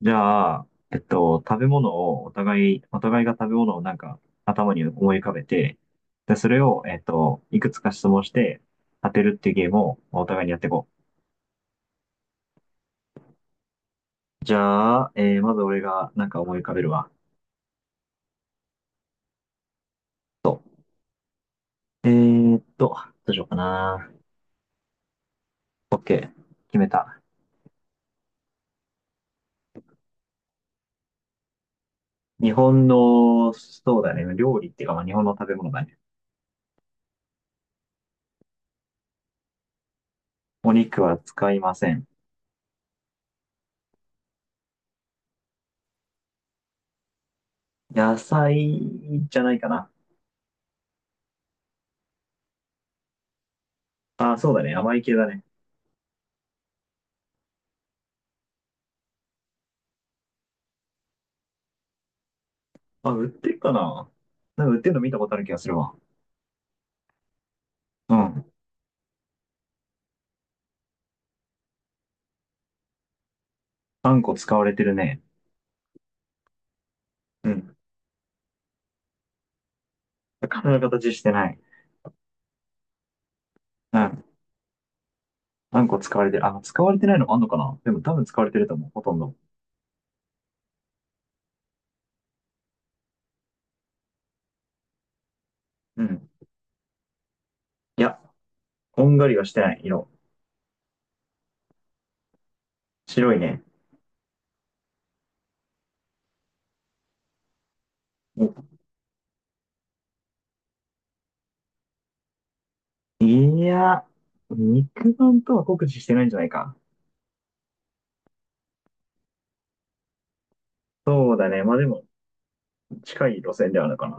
じゃあ、食べ物をお互い、お互いが食べ物をなんか頭に思い浮かべて、で、それを、いくつか質問して当てるっていうゲームをお互いにやっていこう。じゃあ、まず俺がなんか思い浮かべるわ。そう、どうしようかな。OK。決めた。日本の、そうだね。料理っていうか、まあ、日本の食べ物だね。お肉は使いません。野菜じゃないかな。あ、そうだね。甘い系だね。あ、売ってるかな？なんか売ってるの見たことある気がするわ。うん。あんこ使われてるね。うん。体の形してない。うん。あんこ使われてる。あ、使われてないのもあんのかな？でも多分使われてると思う。ほとんど。うん。いや、こんがりはしてない色。白いね。おいや、肉眼とは酷似してないんじゃないか。そうだね。まあでも、近い路線ではあるかな。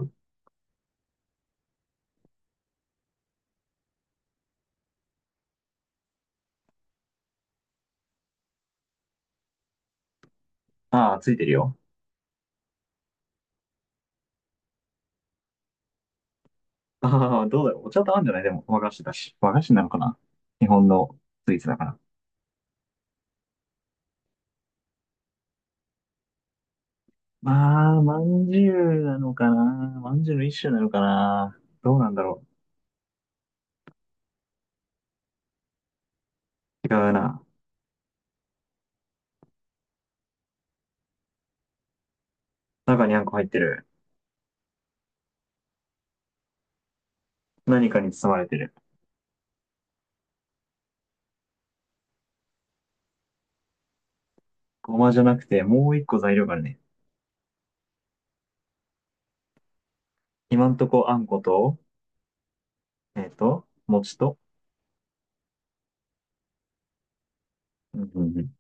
ああ、ついてるよ。ああ、どうだろう。お茶と合うんじゃない？でも、和菓子だし。和菓子なのかな？日本のスイーツだから。まあ、まんじゅうなのかな。まんじゅうの一種なのかな。どうなんだろう。違うな。中にあんこ入ってる。何かに包まれてる。ごまじゃなくて、もう一個材料があるね。今んとこあんこと、餅と。うんうんうん。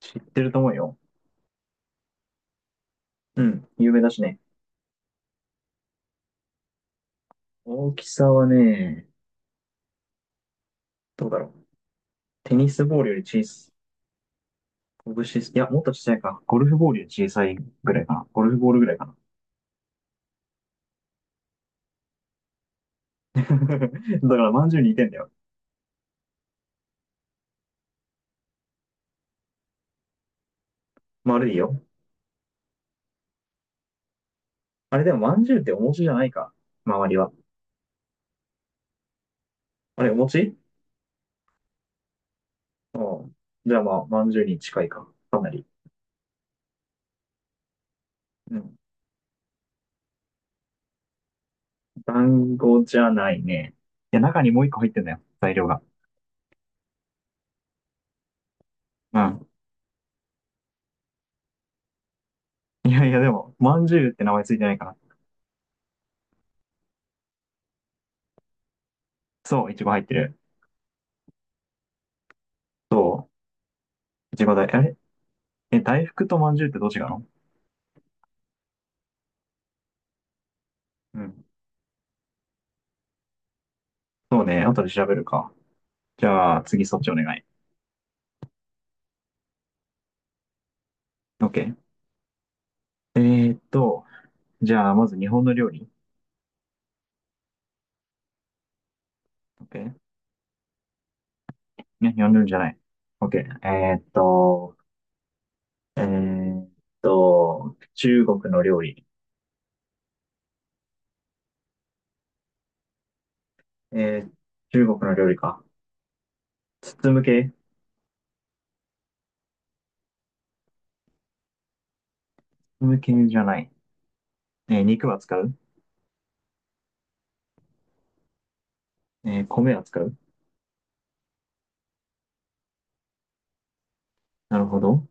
知ってると思うよ。うん、有名だしね。大きさはね、どうだろう。テニスボールより小さい。拳、いや、もっと小さいか。ゴルフボールより小さいぐらいかな。ゴルフボールぐらいかな。だから、まんじゅうに似てんだよ。丸いよ。あれでも、まんじゅうってお餅じゃないか。周りは。あれ、お餅？うん。じゃあまあ、まんじゅうに近いか。かなり。うん。団子じゃないね。いや、中にもう一個入ってんだよ。材料が。うん。いやいや、でも、まんじゅうって名前ついてないから。そう、いちご入ってる。そう、いちご大、あれ。大福とまんじゅうってどっちがの？うん。そうね、後で調べるか。じゃあ、次そっちお願い。OK。えーっと、じゃあ、まず日本の料理。OK。いや、日本の料理じゃない。OK。えーっと、えーっ中国の料理。えー、中国の料理か。包む系？包む系じゃない。肉は使う？米は使う？なるほど。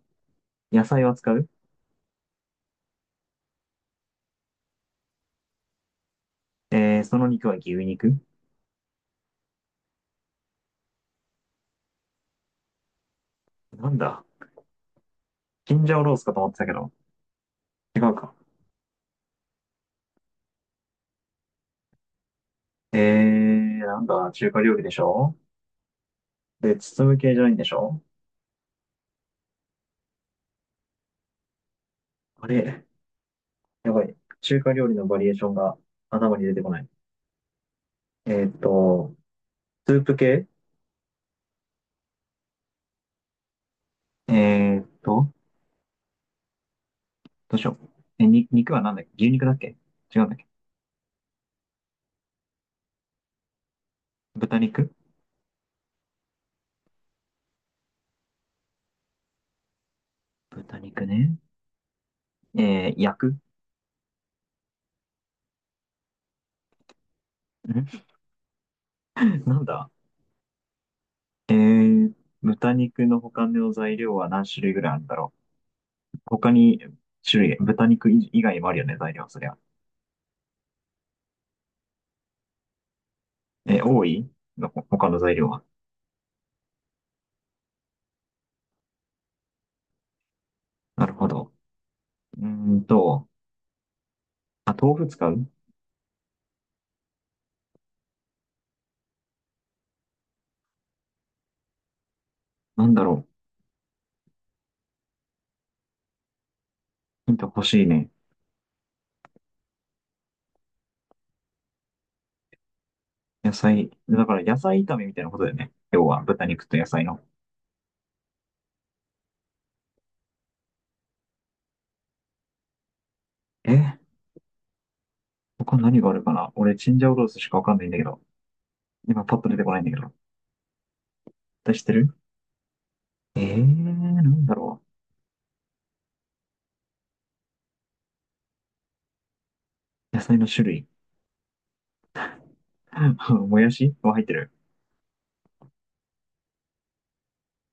野菜は使う？その肉は牛肉？なんだ、チンジャオロースかと思ってたけど。違うか。なんだ、中華料理でしょ？で、包む系じゃないんでしょ？あれ、やばい。中華料理のバリエーションが頭に出てこない。えーっと、スープ系？えーっと、どうしよう。肉はなんだっけ、牛肉だっけ？違うんだっけ？豚肉？豚肉ね。焼くん？なんだ。えー、豚肉の他の材料は何種類ぐらいあるんだろう。他に種類、豚肉以外にもあるよね、材料、そりゃ。多いの？他の材料は。なるほど。うーんと、あ、豆腐使う？なんだろう。ヒント欲しいね。野菜。だから野菜炒めみたいなことだよね。要は豚肉と野菜の。えー、他何があるかな、俺、チンジャオロースしかわかんないんだけど。今パッと出てこないんだけど。出してる？なんだろう。野菜の種類。もやしは入ってる？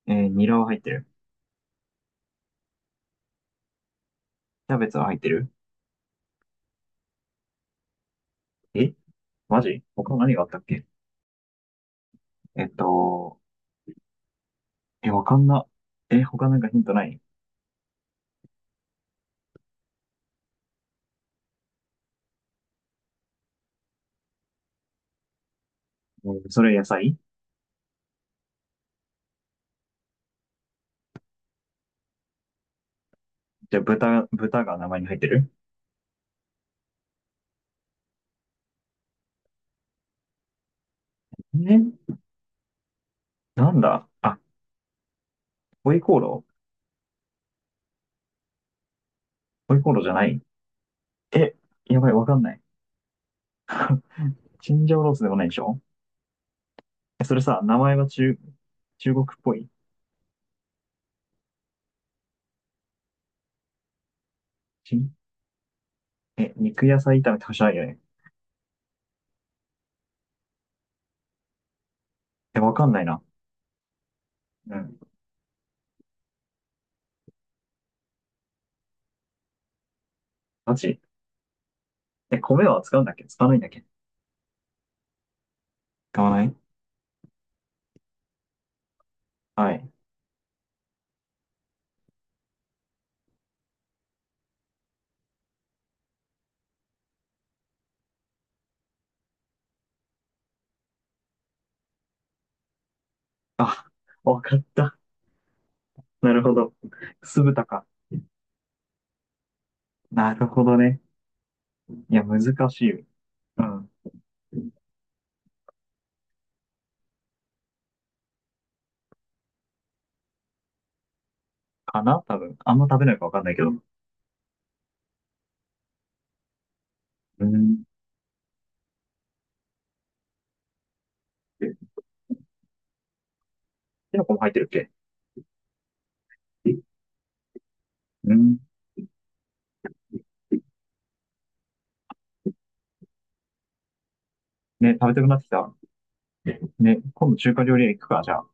ニラは入ってる？キャベツは入ってる？えマジ、他何があったっけ？えっと、わかんな。他なんかヒントない？それ野菜？じゃあ豚が名前に入ってる？えーなんだあ、ホイコーロー？ホイコーローじゃない？え、やばい、わかんない。チンジャオロースでもないでしょ？それさ、名前は中国っぽい？チンえ、肉野菜炒めって欲しいよね。わかんないな。うん。マジ。米は使うんだっけ、使わないんだっけ？使わない？はい。あ、わかった。なるほど。酢豚か。なるほどね。いや、難しい。うん。かな、多分。あんま食べないかわかんないけど。うん。きのこも入ってるっけ？うん。ね、食べたくなってきた。ね、今度中華料理屋行くか、じゃあ。